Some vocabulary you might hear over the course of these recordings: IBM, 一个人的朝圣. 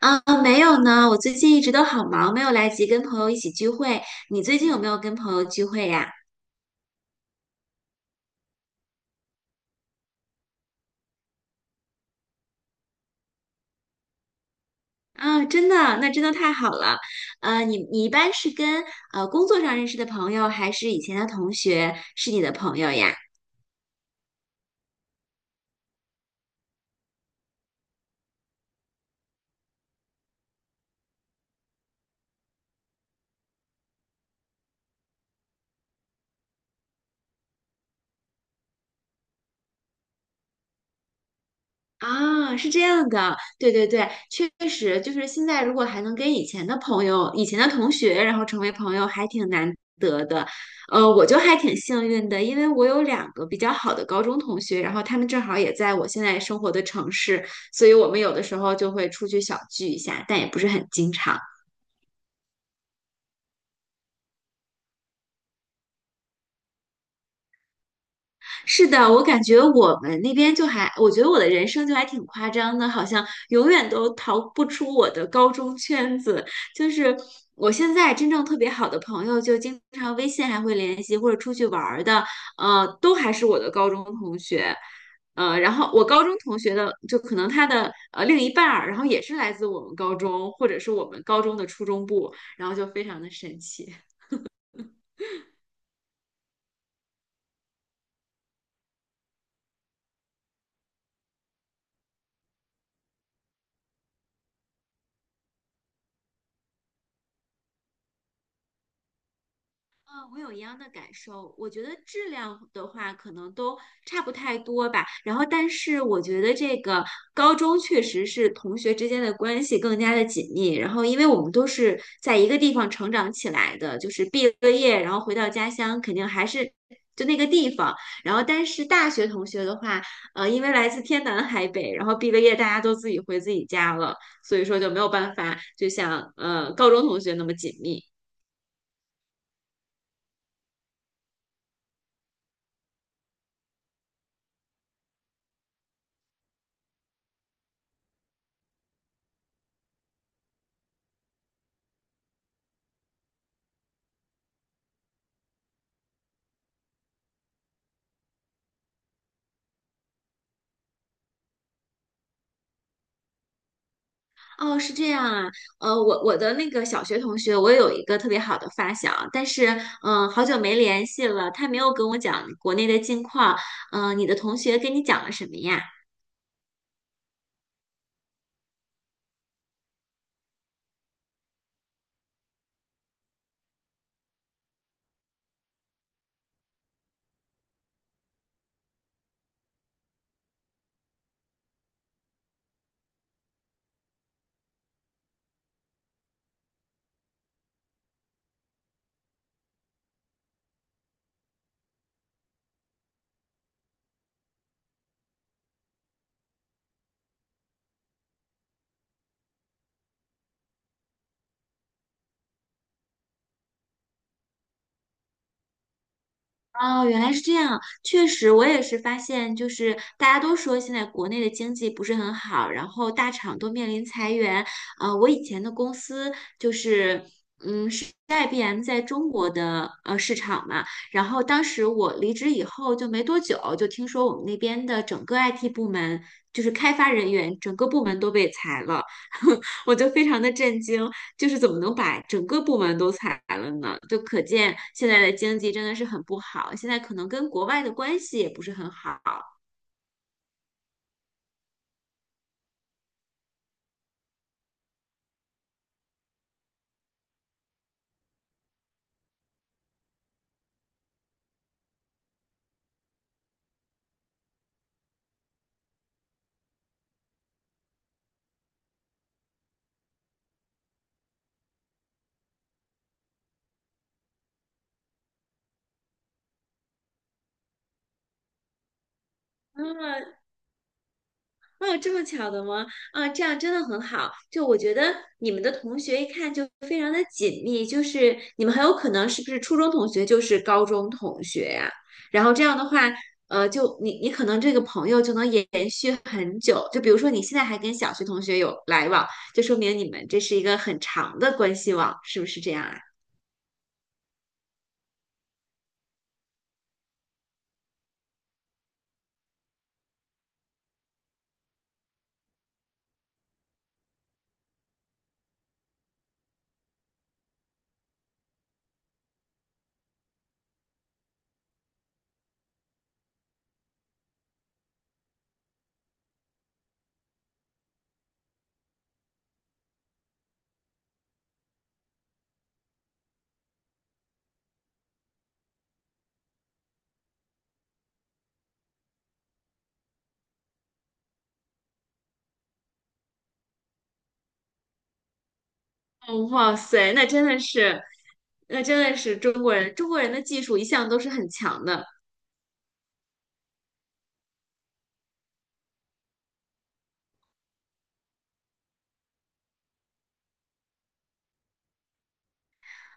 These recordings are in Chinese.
啊，没有呢，我最近一直都好忙，没有来及跟朋友一起聚会。你最近有没有跟朋友聚会呀？啊，真的，那真的太好了。你一般是跟工作上认识的朋友，还是以前的同学是你的朋友呀？啊，是这样的，对对对，确实就是现在，如果还能跟以前的朋友、以前的同学，然后成为朋友，还挺难得的。我就还挺幸运的，因为我有两个比较好的高中同学，然后他们正好也在我现在生活的城市，所以我们有的时候就会出去小聚一下，但也不是很经常。是的，我感觉我们那边就还，我觉得我的人生就还挺夸张的，好像永远都逃不出我的高中圈子。就是我现在真正特别好的朋友，就经常微信还会联系，或者出去玩儿的，都还是我的高中同学。然后我高中同学的，就可能他的另一半儿，然后也是来自我们高中，或者是我们高中的初中部，然后就非常的神奇。啊，我有一样的感受。我觉得质量的话，可能都差不太多吧。然后，但是我觉得这个高中确实是同学之间的关系更加的紧密。然后，因为我们都是在一个地方成长起来的，就是毕了业，然后回到家乡，肯定还是就那个地方。然后，但是大学同学的话，因为来自天南海北，然后毕了业，大家都自己回自己家了，所以说就没有办法，就像高中同学那么紧密。哦，是这样啊，我的那个小学同学，我有一个特别好的发小，但是，好久没联系了，他没有跟我讲国内的近况，你的同学跟你讲了什么呀？哦，原来是这样。确实，我也是发现，就是大家都说现在国内的经济不是很好，然后大厂都面临裁员。我以前的公司就是，是 IBM 在中国的市场嘛。然后当时我离职以后就没多久，就听说我们那边的整个 IT 部门，就是开发人员整个部门都被裁了，我就非常的震惊。就是怎么能把整个部门都裁了呢？就可见现在的经济真的是很不好，现在可能跟国外的关系也不是很好。啊哦，这么巧的吗？啊，这样真的很好。就我觉得你们的同学一看就非常的紧密，就是你们很有可能是不是初中同学就是高中同学呀、然后这样的话，就你可能这个朋友就能延续很久。就比如说你现在还跟小学同学有来往，就说明你们这是一个很长的关系网，是不是这样啊？哦，哇塞，那真的是中国人，中国人的技术一向都是很强的。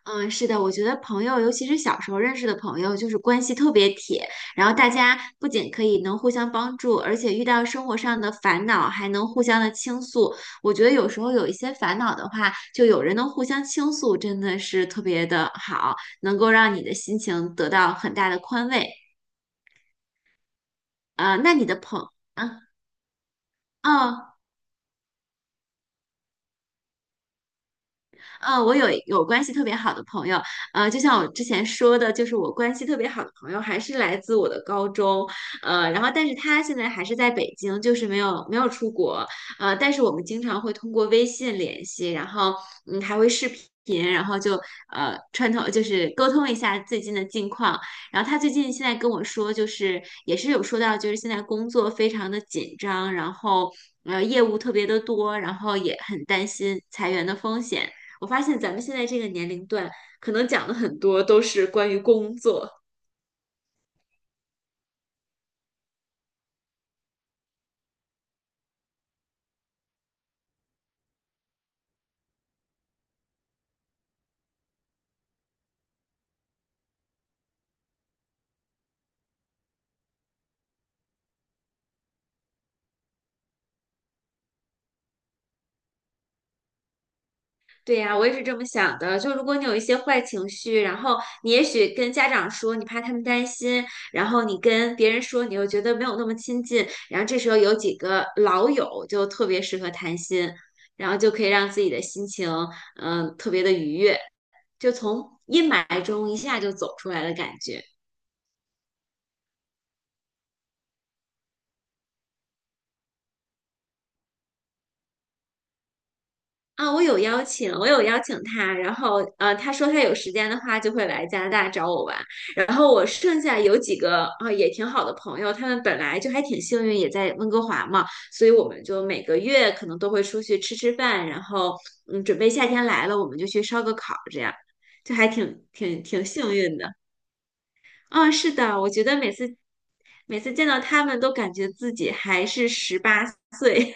嗯，是的，我觉得朋友，尤其是小时候认识的朋友，就是关系特别铁，然后大家不仅可以能互相帮助，而且遇到生活上的烦恼还能互相的倾诉。我觉得有时候有一些烦恼的话，就有人能互相倾诉，真的是特别的好，能够让你的心情得到很大的宽慰。呃，那你的朋，啊，哦。我有关系特别好的朋友，就像我之前说的，就是我关系特别好的朋友还是来自我的高中，然后但是他现在还是在北京，就是没有出国，但是我们经常会通过微信联系，然后还会视频，然后就呃串通就是沟通一下最近的近况，然后他最近现在跟我说，就是也是有说到，就是现在工作非常的紧张，然后。业务特别的多，然后也很担心裁员的风险，我发现咱们现在这个年龄段，可能讲的很多都是关于工作。对呀，我也是这么想的。就如果你有一些坏情绪，然后你也许跟家长说，你怕他们担心，然后你跟别人说，你又觉得没有那么亲近，然后这时候有几个老友就特别适合谈心，然后就可以让自己的心情，特别的愉悦，就从阴霾中一下就走出来的感觉。啊，我有邀请他，然后他说他有时间的话就会来加拿大找我玩。然后我剩下有几个也挺好的朋友，他们本来就还挺幸运，也在温哥华嘛，所以我们就每个月可能都会出去吃吃饭，然后准备夏天来了，我们就去烧个烤，这样就还挺幸运的。啊，是的，我觉得每次见到他们都感觉自己还是18岁，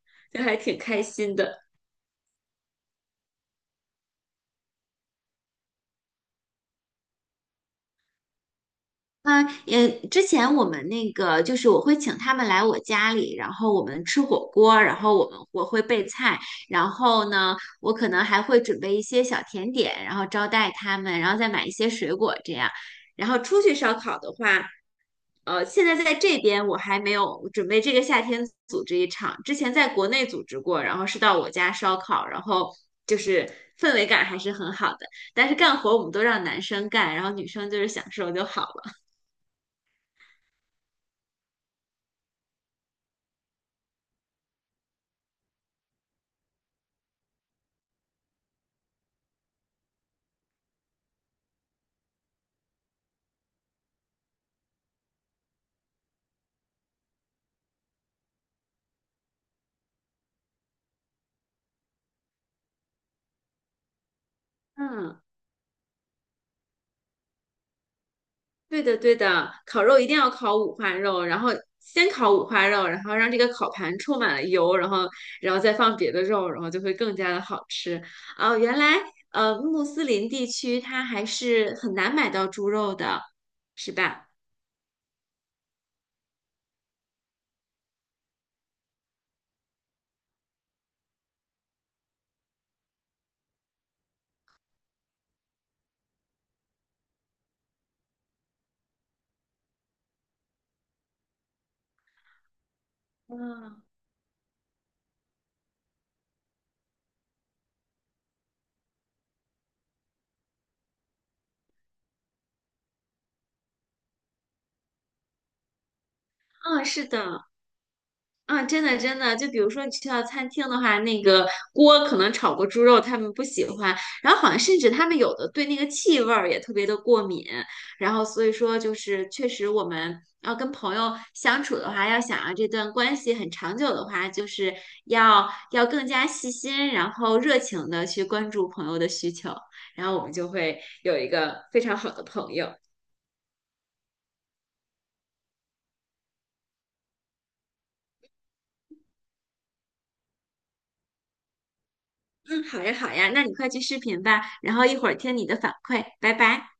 就还挺开心的。嗯，也之前我们那个就是我会请他们来我家里，然后我们吃火锅，然后我们我会备菜，然后呢，我可能还会准备一些小甜点，然后招待他们，然后再买一些水果这样。然后出去烧烤的话，现在在这边我还没有准备这个夏天组织一场，之前在国内组织过，然后是到我家烧烤，然后就是氛围感还是很好的，但是干活我们都让男生干，然后女生就是享受就好了。嗯，对的对的，烤肉一定要烤五花肉，然后先烤五花肉，然后让这个烤盘充满了油，然后再放别的肉，然后就会更加的好吃。哦，原来穆斯林地区它还是很难买到猪肉的，是吧？嗯嗯，是的。啊，真的真的，就比如说你去到餐厅的话，那个锅可能炒过猪肉，他们不喜欢，然后好像甚至他们有的对那个气味儿也特别的过敏，然后所以说就是确实我们要跟朋友相处的话，要想让这段关系很长久的话，就是要更加细心，然后热情的去关注朋友的需求，然后我们就会有一个非常好的朋友。嗯，好呀好呀，那你快去视频吧，然后一会儿听你的反馈，拜拜。